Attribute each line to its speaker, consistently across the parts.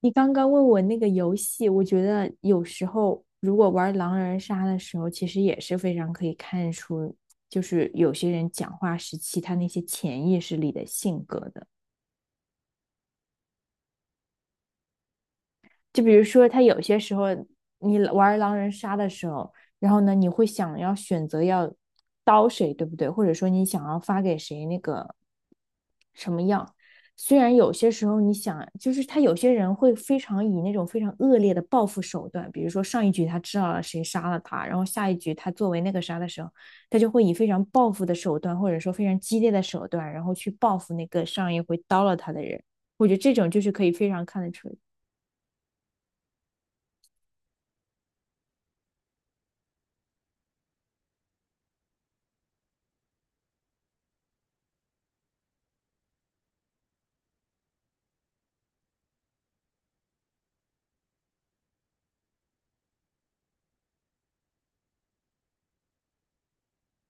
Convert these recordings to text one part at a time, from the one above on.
Speaker 1: 你刚刚问我那个游戏，我觉得有时候如果玩狼人杀的时候，其实也是非常可以看出，就是有些人讲话时期他那些潜意识里的性格的。就比如说，他有些时候你玩狼人杀的时候，然后呢，你会想要选择要刀谁，对不对？或者说你想要发给谁那个什么样？虽然有些时候你想，就是他有些人会非常以那种非常恶劣的报复手段，比如说上一局他知道了谁杀了他，然后下一局他作为那个杀的时候，他就会以非常报复的手段，或者说非常激烈的手段，然后去报复那个上一回刀了他的人。我觉得这种就是可以非常看得出。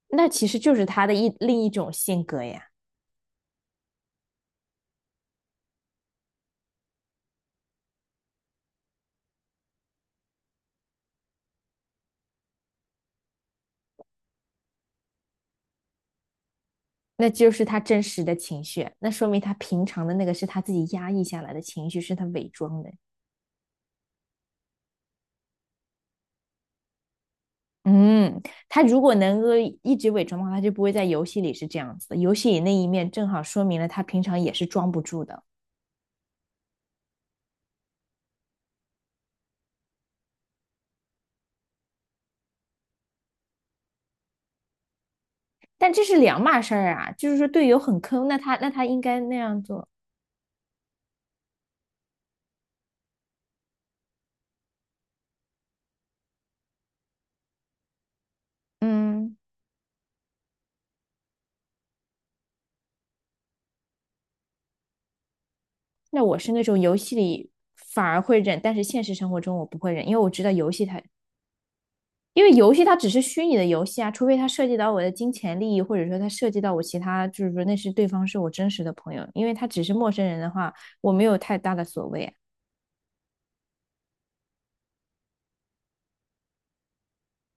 Speaker 1: 那其实就是他的另一种性格呀，那就是他真实的情绪，那说明他平常的那个是他自己压抑下来的情绪，是他伪装的。嗯，他如果能够一直伪装的话，他就不会在游戏里是这样子的。游戏里那一面正好说明了他平常也是装不住的，但这是两码事儿啊。就是说队友很坑，那他应该那样做。嗯，那我是那种游戏里反而会忍，但是现实生活中我不会忍，因为我知道游戏它只是虚拟的游戏啊，除非它涉及到我的金钱利益，或者说它涉及到我其他，就是说那是对方是我真实的朋友，因为他只是陌生人的话，我没有太大的所谓啊。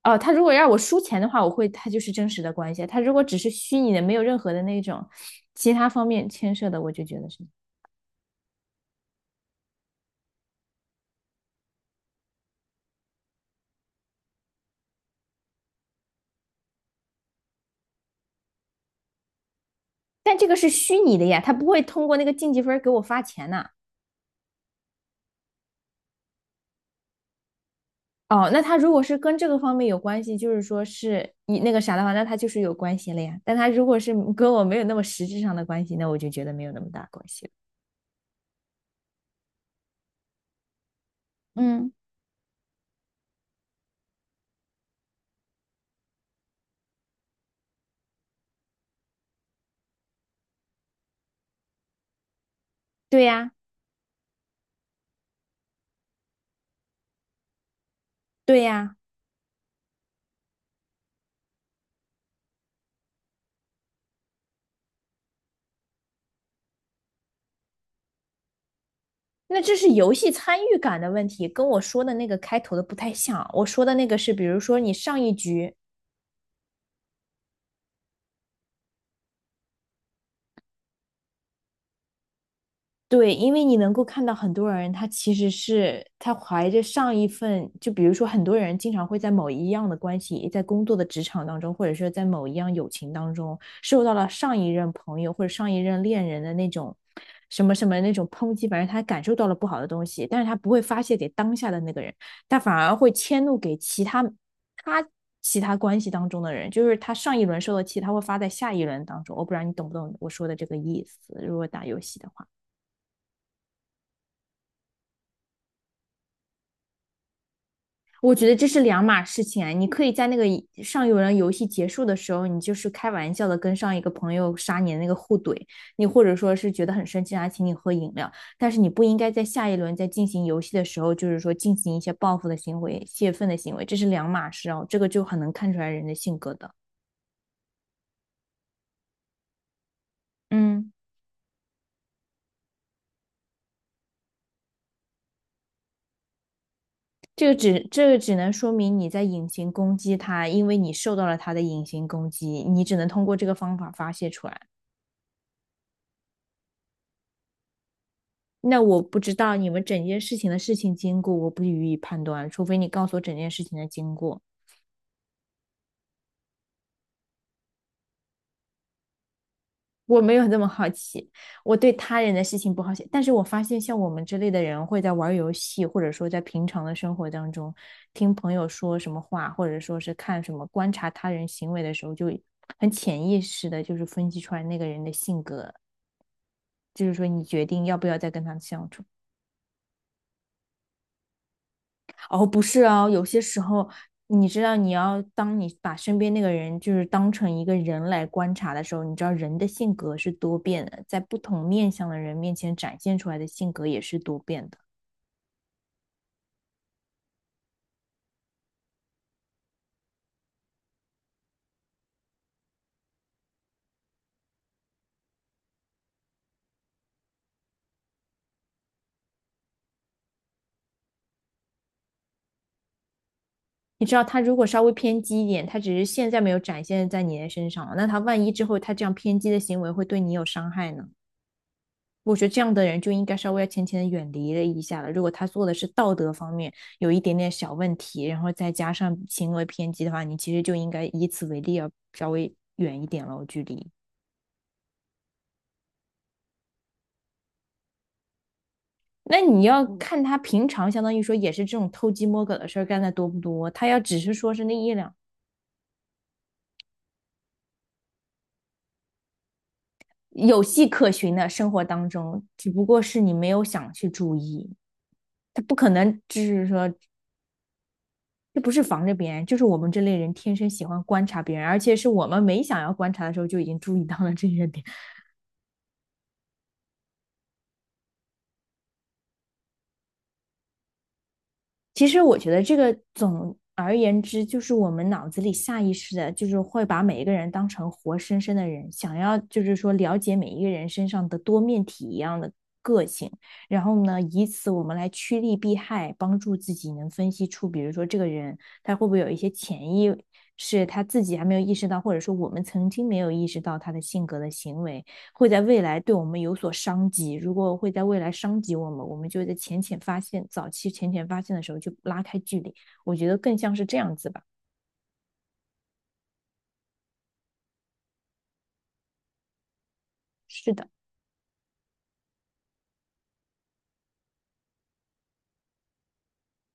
Speaker 1: 哦，他如果让我输钱的话，我会他就是真实的关系；他如果只是虚拟的，没有任何的那种其他方面牵涉的，我就觉得是。但这个是虚拟的呀，他不会通过那个晋级分给我发钱呐、哦，那他如果是跟这个方面有关系，就是说是你那个啥的话，那他就是有关系了呀。但他如果是跟我没有那么实质上的关系，那我就觉得没有那么大关系了。嗯，对呀，对呀，那这是游戏参与感的问题，跟我说的那个开头的不太像。我说的那个是，比如说你上一局。对，因为你能够看到很多人，他其实是他怀着上一份，就比如说很多人经常会在某一样的关系，在工作的职场当中，或者说在某一样友情当中，受到了上一任朋友或者上一任恋人的那种什么什么那种抨击，反正他感受到了不好的东西，但是他不会发泄给当下的那个人，他反而会迁怒给其他他其他关系当中的人，就是他上一轮受的气，他会发在下一轮当中。我不知道你懂不懂我说的这个意思，如果打游戏的话。我觉得这是两码事情啊，你可以在那个上一轮游戏结束的时候，你就是开玩笑的跟上一个朋友杀你的那个互怼，你或者说是觉得很生气啊，他请你喝饮料，但是你不应该在下一轮在进行游戏的时候，就是说进行一些报复的行为、泄愤的行为，这是两码事哦，这个就很能看出来人的性格的。嗯，这个只能说明你在隐形攻击他，因为你受到了他的隐形攻击，你只能通过这个方法发泄出来。那我不知道你们整件事情的事情经过，我不予以判断，除非你告诉我整件事情的经过。我没有那么好奇，我对他人的事情不好奇。但是我发现，像我们这类的人会在玩游戏，或者说在平常的生活当中，听朋友说什么话，或者说是看什么观察他人行为的时候，就很潜意识的，就是分析出来那个人的性格，就是说你决定要不要再跟他相处。哦，不是啊，有些时候，你知道，你要当你把身边那个人就是当成一个人来观察的时候，你知道人的性格是多变的，在不同面相的人面前展现出来的性格也是多变的。你知道，他如果稍微偏激一点，他只是现在没有展现在你的身上，那他万一之后他这样偏激的行为会对你有伤害呢？我觉得这样的人就应该稍微要浅浅的远离了一下了。如果他做的是道德方面有一点点小问题，然后再加上行为偏激的话，你其实就应该以此为例，要稍微远一点了距离。那你要看他平常，相当于说也是这种偷鸡摸狗的事干的多不多。他要只是说是那一两有迹可循的生活当中，只不过是你没有想去注意，他不可能就是说这不是防着别人，就是我们这类人天生喜欢观察别人，而且是我们没想要观察的时候就已经注意到了这些点。其实我觉得这个总而言之，就是我们脑子里下意识的，就是会把每一个人当成活生生的人，想要就是说了解每一个人身上的多面体一样的个性，然后呢，以此我们来趋利避害，帮助自己能分析出，比如说这个人他会不会有一些潜意。识，他自己还没有意识到，或者说我们曾经没有意识到他的性格的行为，会在未来对我们有所伤及。如果会在未来伤及我们，我们就在浅浅发现、早期浅浅发现的时候就拉开距离。我觉得更像是这样子吧。是的，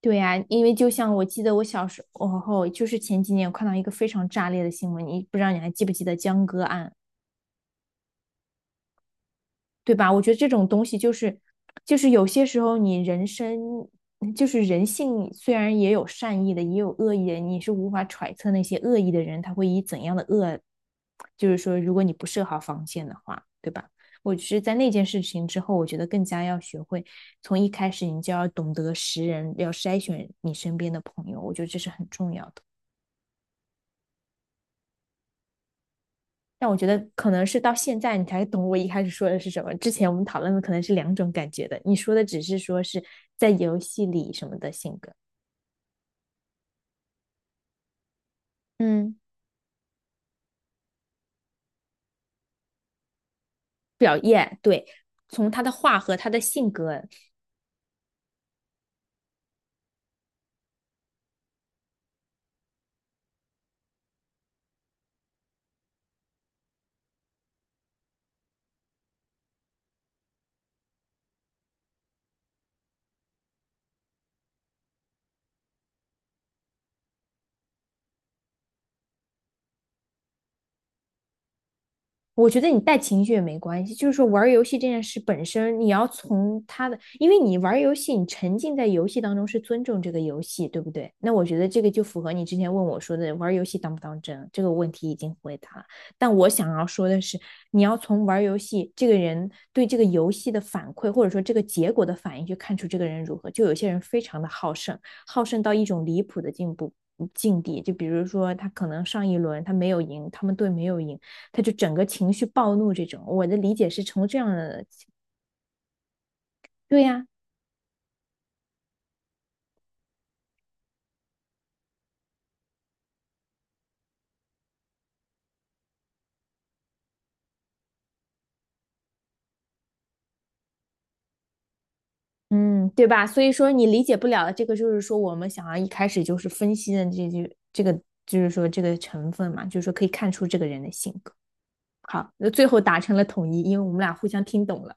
Speaker 1: 对呀、啊因为就像我记得我小时候，就是前几年我看到一个非常炸裂的新闻，你不知道你还记不记得江歌案？对吧？我觉得这种东西就是，就是有些时候你人生就是人性，虽然也有善意的，也有恶意的，你是无法揣测那些恶意的人他会以怎样的恶，就是说，如果你不设好防线的话，对吧？我是在那件事情之后，我觉得更加要学会从一开始你就要懂得识人，要筛选你身边的朋友，我觉得这是很重要的。但我觉得可能是到现在你才懂我一开始说的是什么。之前我们讨论的可能是两种感觉的，你说的只是说是在游戏里什么的性格，嗯表现，对，从他的话和他的性格。我觉得你带情绪也没关系，就是说玩游戏这件事本身，你要从他的，因为你玩游戏，你沉浸在游戏当中是尊重这个游戏，对不对？那我觉得这个就符合你之前问我说的玩游戏当不当真这个问题已经回答了。但我想要说的是，你要从玩游戏这个人对这个游戏的反馈，或者说这个结果的反应去看出这个人如何。就有些人非常的好胜，好胜到一种离谱的进步境地，就比如说他可能上一轮他没有赢，他们队没有赢。他就整个情绪暴怒这种。我的理解是从这样的，对呀、啊嗯，对吧？所以说你理解不了这个，就是说我们想要一开始就是分析的这句这个，就是说这个成分嘛，就是说可以看出这个人的性格。好，那最后达成了统一，因为我们俩互相听懂了。